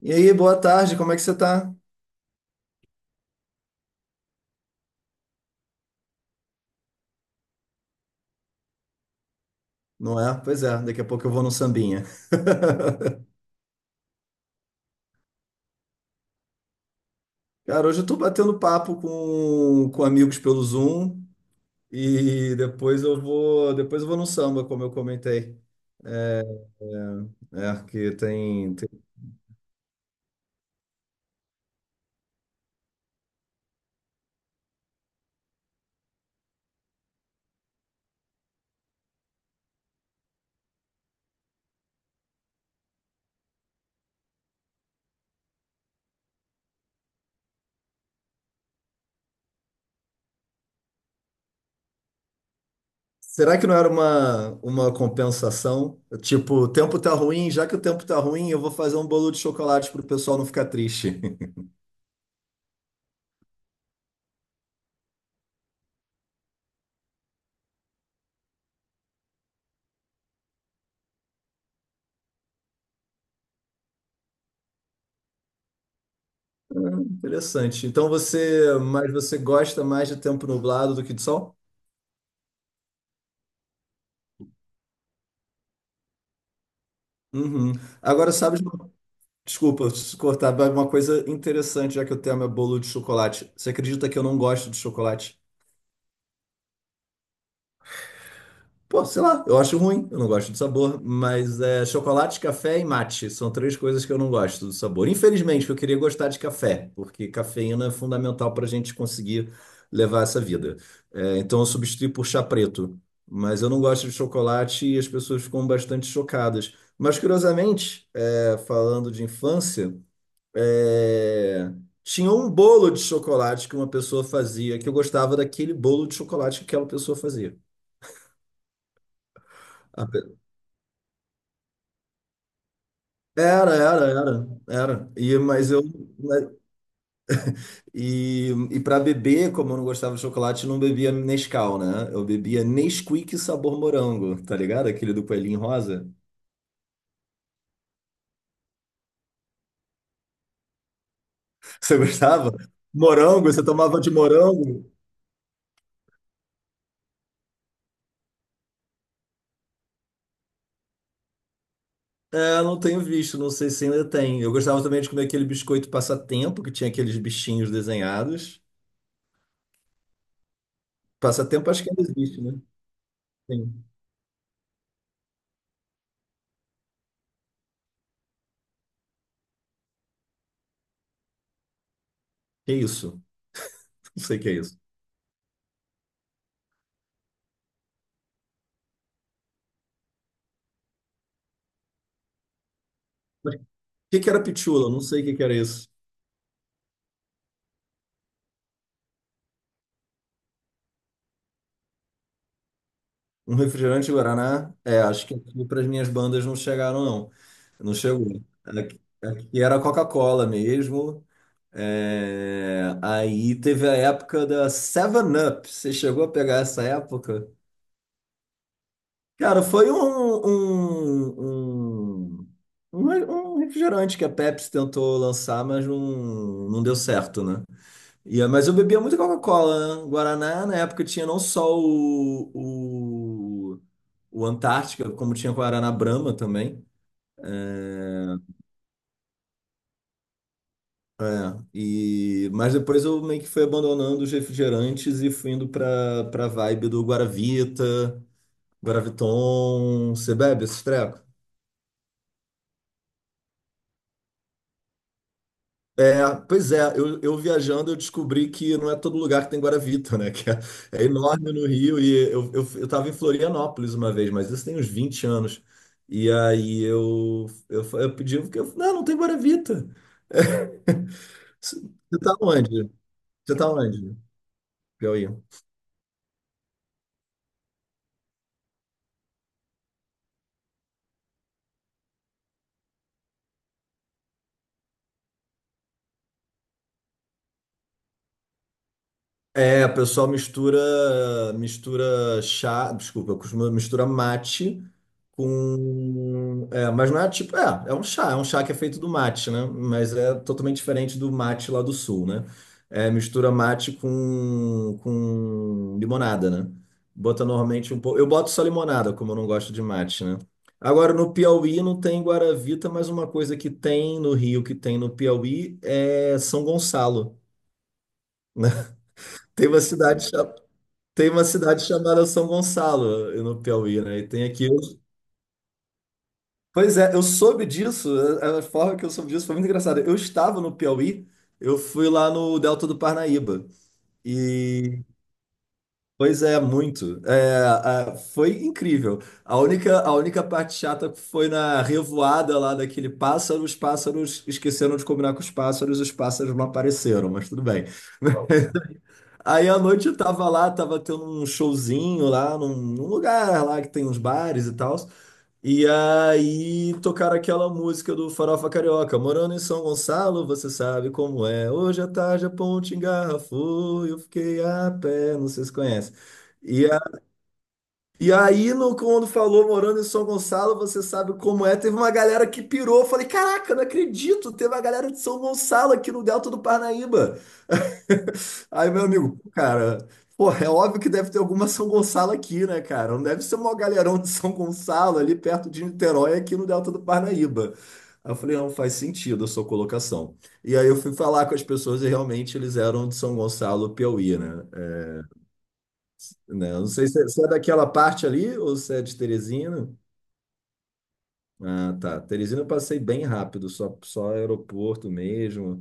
E aí, boa tarde, como é que você tá? Não é? Pois é, daqui a pouco eu vou no sambinha. Cara, hoje eu tô batendo papo com amigos pelo Zoom e depois eu vou no samba, como eu comentei. É, é, que tem, tem- Será que não era uma compensação? Tipo, o tempo tá ruim, já que o tempo tá ruim, eu vou fazer um bolo de chocolate pro pessoal não ficar triste. Interessante. Então você, mas você gosta mais de tempo nublado do que de sol? Uhum. Agora, sabe? Desculpa se cortar, mas uma coisa interessante, já que o tema é bolo de chocolate. Você acredita que eu não gosto de chocolate? Pô, sei lá, eu acho ruim, eu não gosto do sabor, mas é chocolate, café e mate são três coisas que eu não gosto do sabor. Infelizmente, eu queria gostar de café, porque cafeína é fundamental para a gente conseguir levar essa vida. É, então eu substituí por chá preto, mas eu não gosto de chocolate e as pessoas ficam bastante chocadas. Mas curiosamente, é, falando de infância. É, tinha um bolo de chocolate que uma pessoa fazia, que eu gostava daquele bolo de chocolate que aquela pessoa fazia. A pe- era. Mas- E, e, para beber, como eu não gostava de chocolate, eu não bebia Nescau, né? Eu bebia Nesquik sabor morango, tá ligado? Aquele do coelhinho rosa. Você gostava? Morango? Você tomava de morango? É, não tenho visto, não sei se ainda tem. Eu gostava também de comer aquele biscoito passatempo, que tinha aqueles bichinhos desenhados. Passatempo acho que ainda existe, né? Sim. Que isso? Não sei o que é isso. Mas o que que era pitula? Não sei o que que era isso. Um refrigerante Guaraná? É, acho que aqui para as minhas bandas não chegaram, não. Não chegou. Aqui, aqui era Coca-Cola mesmo. É, aí teve a época da Seven Up. Você chegou a pegar essa época? Cara, foi um, um, um um refrigerante que a Pepsi tentou lançar, mas não, não deu certo, né? Ia, mas eu bebia muita Coca-Cola, né? Guaraná, na época tinha não só o, o Antártica, como tinha Guaraná Brahma também. É, é, e, mas depois eu meio que fui abandonando os refrigerantes e fui indo pra vibe do Guaravita, Guaraviton. Você bebe esses É, pois é, eu viajando eu descobri que não é todo lugar que tem Guaravita, né? Que é, é enorme no Rio e eu tava em Florianópolis uma vez, mas isso tem uns 20 anos. E aí eu pedi, porque eu, não, não tem Guaravita. Você você tá onde? Você tá onde? Piauí. É, o pessoal mistura, mistura chá, desculpa, costuma misturar mate é, mas não é tipo, é, é um chá que é feito do mate, né? Mas é totalmente diferente do mate lá do sul, né? É, mistura mate com limonada, né? Bota normalmente um pouco, eu boto só limonada, como eu não gosto de mate, né? Agora no Piauí não tem Guaravita, mas uma coisa que tem no Rio, que tem no Piauí é São Gonçalo, né? Tem uma cidade, chamada tem uma cidade chamada São Gonçalo, eh, no Piauí, né? E tem aqui. Pois é, eu soube disso, a forma que eu soube disso foi muito engraçada. Eu estava no Piauí, eu fui lá no Delta do Parnaíba. E, pois é, muito. É, foi incrível. A única parte chata foi na revoada lá daquele pássaro. Os pássaros esqueceram de combinar com os pássaros não apareceram, mas tudo bem. Aí à noite eu tava lá, tava tendo um showzinho lá num lugar lá que tem uns bares e tal. E aí tocaram aquela música do Farofa Carioca: morando em São Gonçalo, você sabe como é. Hoje à tarde a ponte engarrafou, eu fiquei a pé, não sei se conhece. E, a- e aí, no, quando falou morando em São Gonçalo, você sabe como é, teve uma galera que pirou. Eu falei, caraca, não acredito, teve uma galera de São Gonçalo aqui no Delta do Parnaíba. Aí, meu amigo, pô, cara, pô, é óbvio que deve ter alguma São Gonçalo aqui, né, cara? Não, deve ser o maior galerão de São Gonçalo ali perto de Niterói, aqui no Delta do Parnaíba. Aí eu falei, não, faz sentido a sua colocação. E aí eu fui falar com as pessoas e realmente eles eram de São Gonçalo, Piauí, né? É, né? Eu não sei se é, se é daquela parte ali ou se é de Teresina. Ah, tá. Teresina eu passei bem rápido, só aeroporto mesmo,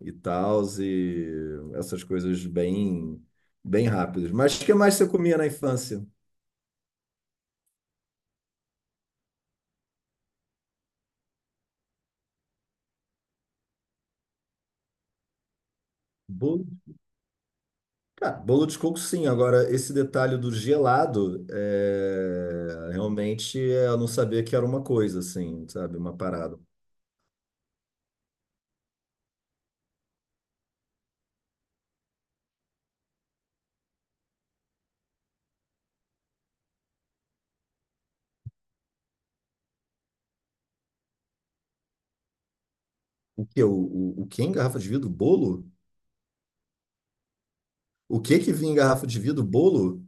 e tal, e essas coisas bem, bem rápidas. Mas o que mais você comia na infância? Bolo, cara, bolo de coco, sim. Agora, esse detalhe do gelado, é, realmente é, eu não sabia que era uma coisa, assim, sabe? Uma parada. O que? O que é em garrafa de vidro? Bolo? O que que vinha em garrafa de vidro? Bolo?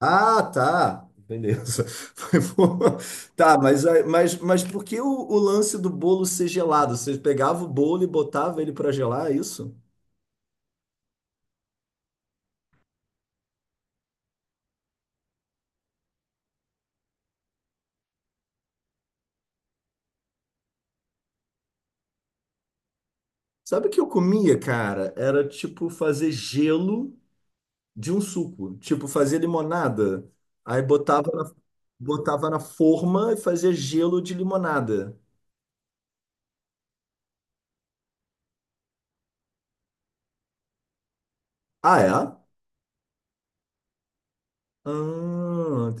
Ah, tá. Beleza. Foi boa. Tá, mas, mas por que o lance do bolo ser gelado? Você pegava o bolo e botava ele pra gelar, é isso? Sabe o que eu comia, cara? Era tipo fazer gelo de um suco. Tipo, fazer limonada. Aí botava na forma e fazia gelo de limonada. Ah, é? Ah,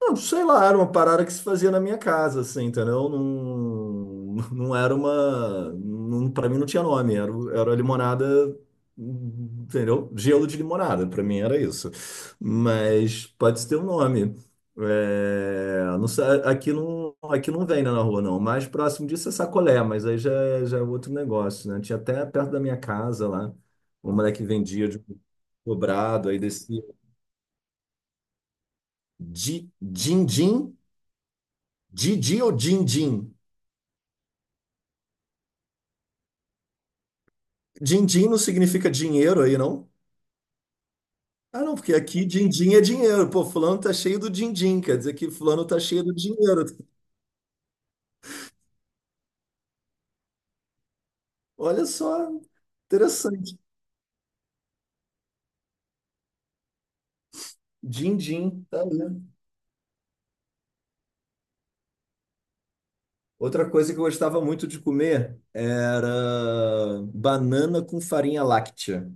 não, sei lá, era uma parada que se fazia na minha casa, assim, entendeu? Não, não era uma. Não, pra mim não tinha nome, era, era limonada, entendeu? Gelo de limonada, pra mim era isso. Mas pode ter um nome. É, não sei, aqui não vem, né, na rua, não. O mais próximo disso é sacolé, mas aí já é outro negócio, né? Tinha até perto da minha casa lá, um moleque vendia de cobrado, aí descia. Din-din. Didi ou din-din? Din-din não significa dinheiro aí, não? Ah, não, porque aqui din-din é dinheiro. Pô, fulano tá cheio do din-din, quer dizer que fulano tá cheio do dinheiro. Olha só, interessante. Din-din, tá vendo? Outra coisa que eu gostava muito de comer era banana com farinha láctea.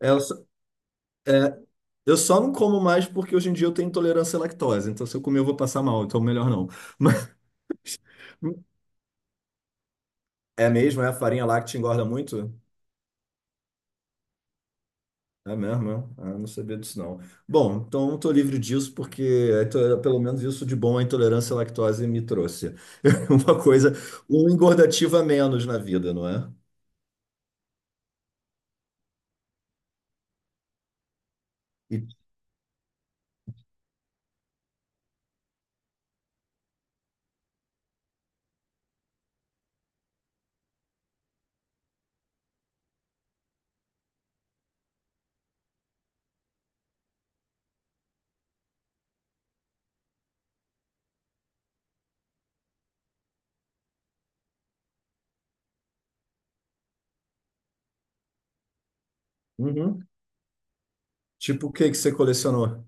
É, eu, só- é, eu só não como mais porque hoje em dia eu tenho intolerância à lactose, então se eu comer eu vou passar mal, então melhor não. Mas, é mesmo? É, a farinha láctea engorda muito? É mesmo, é? Ah, não sabia disso, não. Bom, então estou livre disso porque é, pelo menos isso de bom a intolerância à lactose me trouxe. Uma coisa, um engordativo a menos na vida, não é? E- Uhum. Tipo, o que que você colecionou?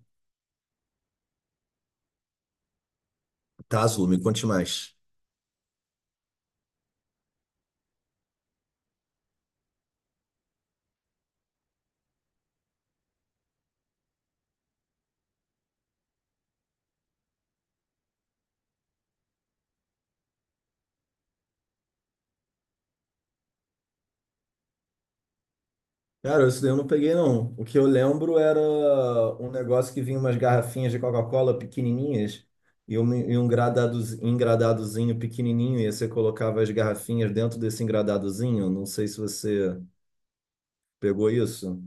Tazo, me conte mais. Cara, isso daí eu não peguei, não. O que eu lembro era um negócio que vinha umas garrafinhas de Coca-Cola pequenininhas e um, engradadozinho pequenininho, e você colocava as garrafinhas dentro desse engradadozinho. Não sei se você pegou isso?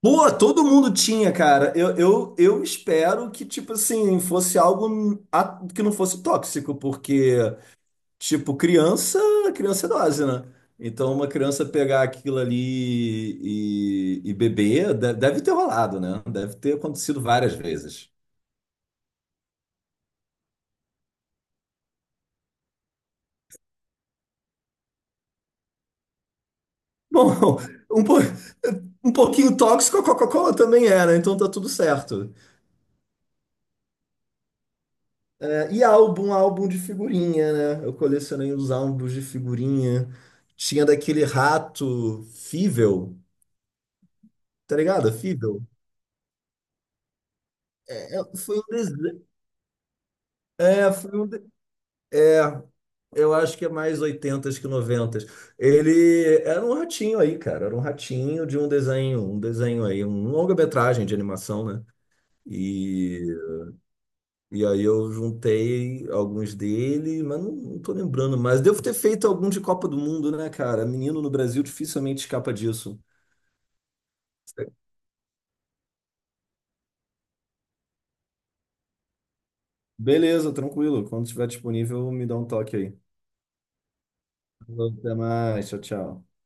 Pô, todo mundo tinha, cara. Eu espero que, tipo assim, fosse algo que não fosse tóxico, porque, tipo, criança, criança é dose, né? Então, uma criança pegar aquilo ali e beber, deve ter rolado, né? Deve ter acontecido várias vezes. Bom, um, po- um pouquinho tóxico a Coca-Cola também é, né? Então tá tudo certo. E álbum, álbum de figurinha, né? Eu colecionei os álbuns de figurinha. Tinha daquele rato Fível, tá ligado? Fível. É, é, foi um desenho. É, foi um. de- É, eu acho que é mais 80 que 90. Ele era um ratinho aí, cara. Era um ratinho de um desenho aí, um longa-metragem de animação, né? E e aí eu juntei alguns dele, mas não, não tô lembrando mais. Devo ter feito algum de Copa do Mundo, né, cara? Menino no Brasil dificilmente escapa disso. Beleza, tranquilo. Quando estiver disponível, me dá um toque aí. Até mais. Tchau, tchau.